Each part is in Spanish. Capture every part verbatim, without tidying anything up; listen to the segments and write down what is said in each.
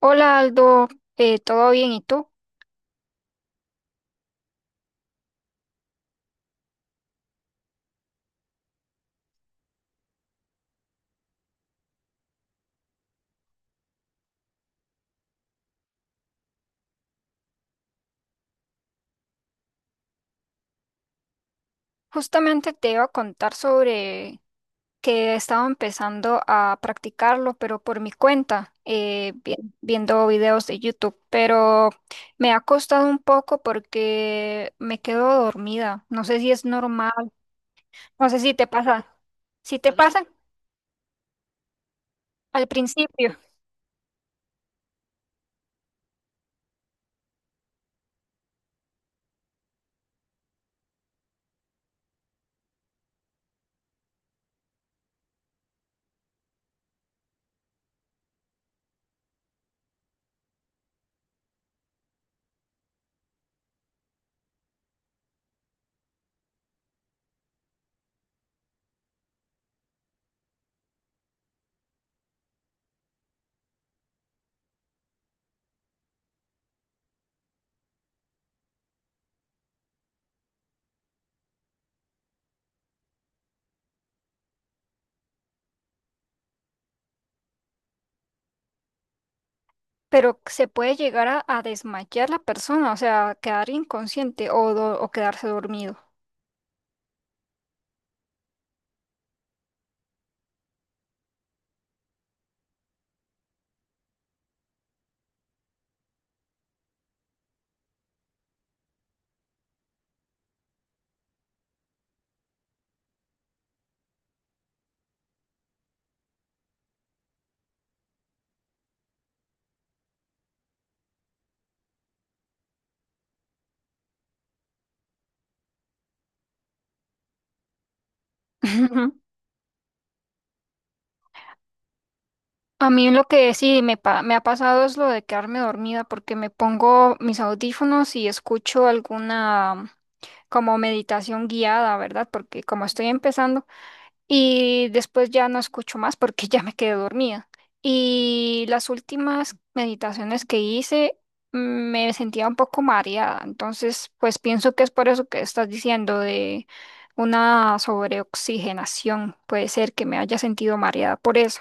Hola Aldo, eh, ¿todo bien? ¿Y tú? Justamente te iba a contar sobre que estaba empezando a practicarlo, pero por mi cuenta, eh, vi- viendo videos de YouTube, pero me ha costado un poco porque me quedo dormida. No sé si es normal, no sé si te pasa, si te pasa al principio, pero se puede llegar a, a desmayar la persona, o sea, quedar inconsciente o, do- o quedarse dormido. A mí lo que sí me, pa- me ha pasado es lo de quedarme dormida porque me pongo mis audífonos y escucho alguna como meditación guiada, ¿verdad? Porque como estoy empezando y después ya no escucho más porque ya me quedé dormida. Y las últimas meditaciones que hice mm, me sentía un poco mareada, entonces pues pienso que es por eso que estás diciendo de una sobreoxigenación. Puede ser que me haya sentido mareada por eso.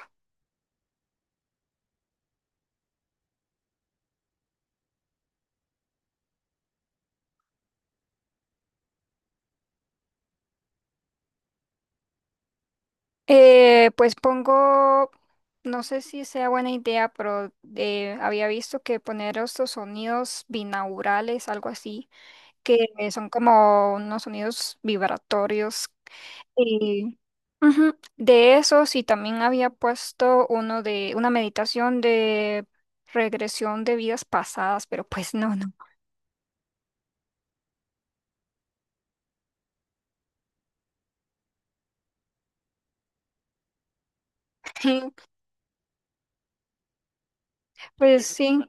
Eh, pues pongo, no sé si sea buena idea, pero eh, había visto que poner estos sonidos binaurales, algo así, que son como unos sonidos vibratorios. Y, ujú, de esos, y también había puesto uno de una meditación de regresión de vidas pasadas, pero pues no, no. Pues sí.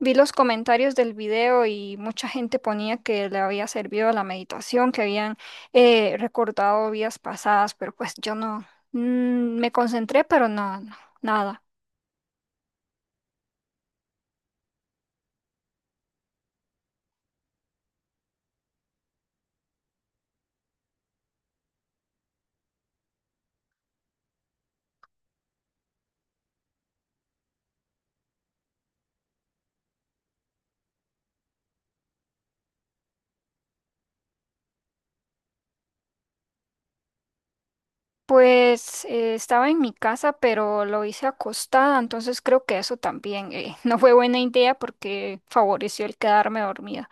Vi los comentarios del video y mucha gente ponía que le había servido la meditación, que habían eh, recordado vidas pasadas, pero pues yo no, mm, me concentré, pero no, no, nada. Pues eh, estaba en mi casa, pero lo hice acostada, entonces creo que eso también eh, no fue buena idea porque favoreció el quedarme dormida.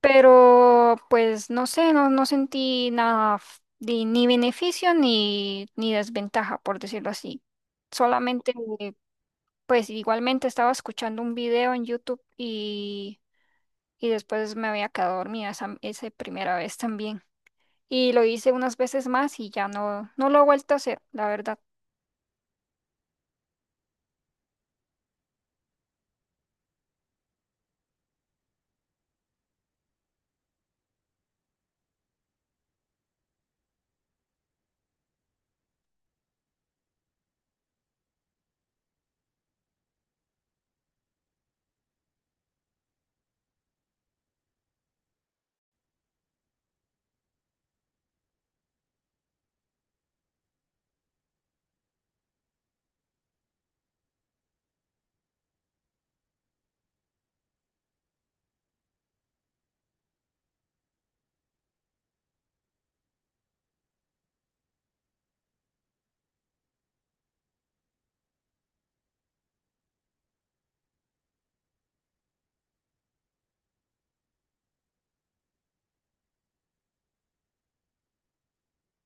Pero pues no sé, no, no sentí nada, f- ni ni beneficio ni, ni desventaja, por decirlo así solamente. Pues igualmente estaba escuchando un video en YouTube y, y después me había quedado dormida esa, esa primera vez también. Y lo hice unas veces más y ya no, no lo he vuelto a hacer, la verdad.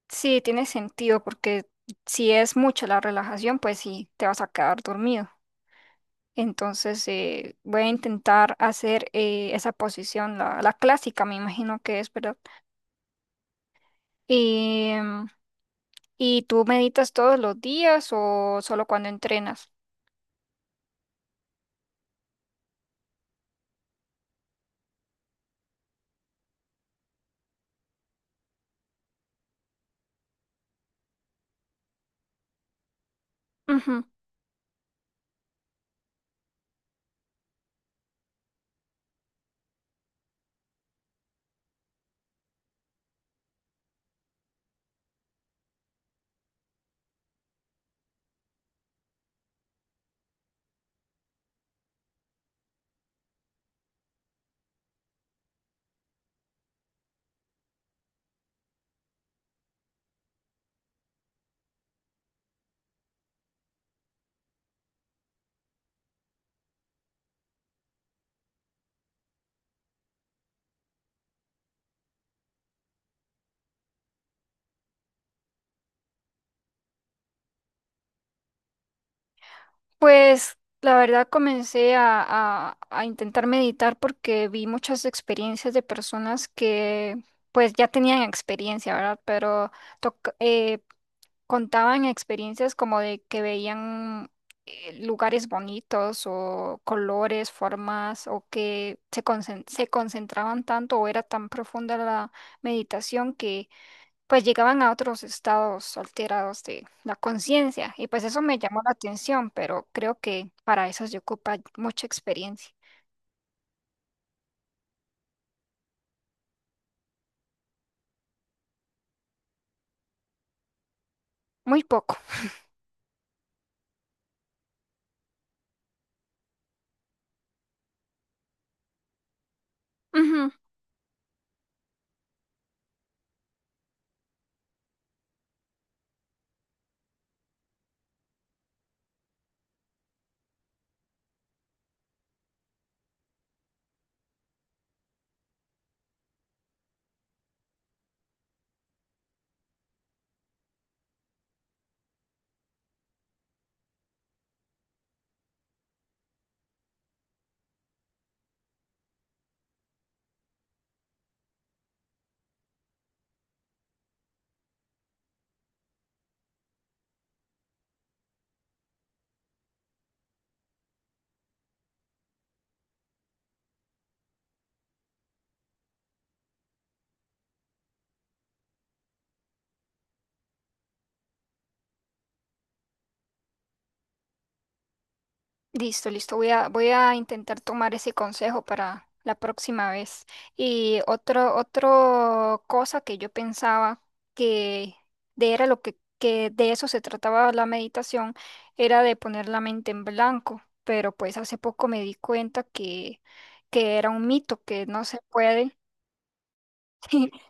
Sí, tiene sentido porque si es mucha la relajación, pues sí, te vas a quedar dormido. Entonces eh, voy a, intentar hacer eh, esa posición, la, la clásica, me imagino que es, ¿verdad? Y, em, ¿y tú meditas todos los días o solo cuando entrenas? Pues la verdad comencé a, a- a intentar meditar porque vi muchas experiencias de personas que pues ya tenían experiencia, ¿verdad? Pero toc- eh, contaban experiencias como de que veían eh, lugares bonitos o colores, formas o que se, concen- se concentraban tanto o era tan profunda la meditación que pues llegaban a otros estados alterados de la conciencia y pues eso me llamó la atención, pero creo que para eso se ocupa mucha experiencia, muy poco. Ujú. Listo, listo. Voy a, voy a intentar tomar ese consejo para la próxima vez. Y otro, otro cosa que yo pensaba que de era lo que, que de eso se trataba la meditación, era de poner la mente en blanco. Pero pues hace poco me di cuenta que, que era un mito, que no se puede.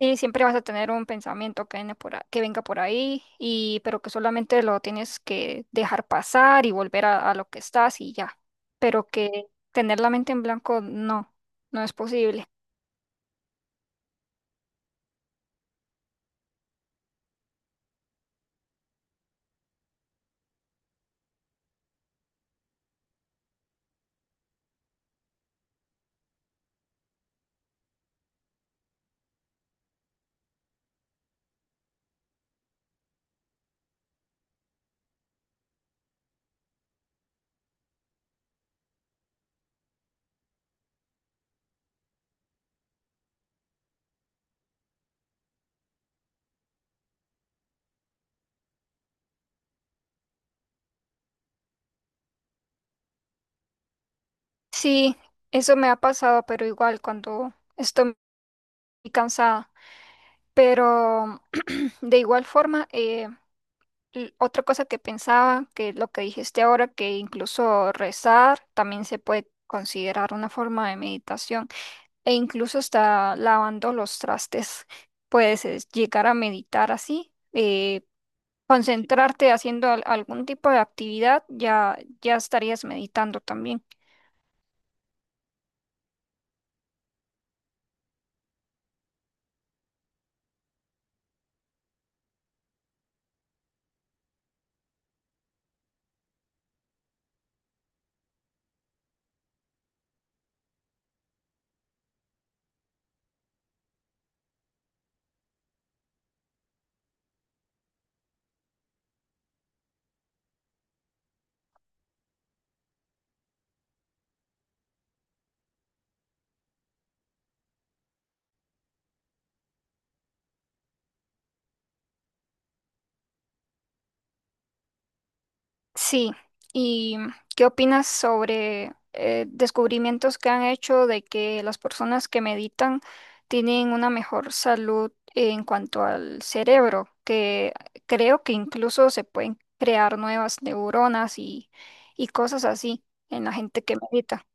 Sí, siempre vas a tener un pensamiento que viene por a- que venga por ahí, y, pero que solamente lo tienes que dejar pasar y volver a, a lo que estás y ya. Pero que tener la mente en blanco no, no es posible. Sí, eso me ha pasado, pero igual cuando estoy muy cansada. Pero de igual forma, eh, l- otra cosa que pensaba, que lo que dijiste ahora, que incluso rezar también se puede considerar una forma de meditación, e incluso está lavando los trastes. Puedes eh, llegar a meditar así, eh, concentrarte haciendo al- algún tipo de actividad, ya, ya estarías meditando también. Sí, ¿y qué opinas sobre eh, descubrimientos que han hecho de que las personas que meditan tienen una mejor salud en cuanto al cerebro? Que creo que incluso se pueden crear nuevas neuronas y, y cosas así en la gente que medita.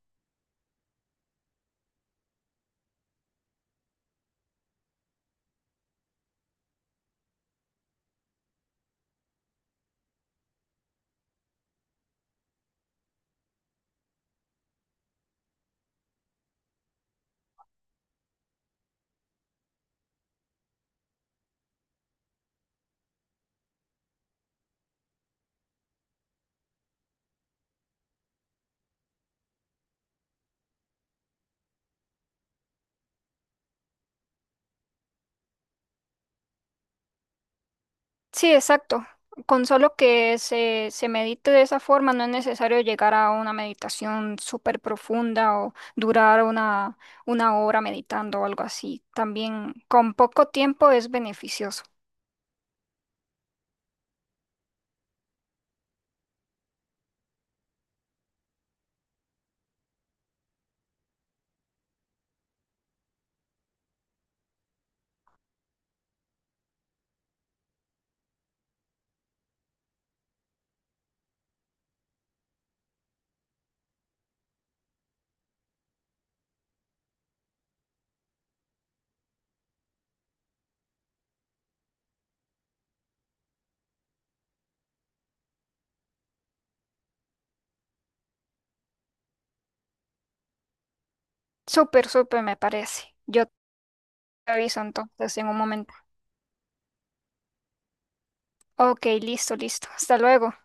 Sí, exacto. Con solo que se, se medite de esa forma, no es necesario llegar a una meditación súper profunda o durar una, una hora meditando o algo así. También con poco tiempo es beneficioso. Súper, súper me parece. Yo te aviso entonces en un momento. Ok, listo, listo. Hasta luego.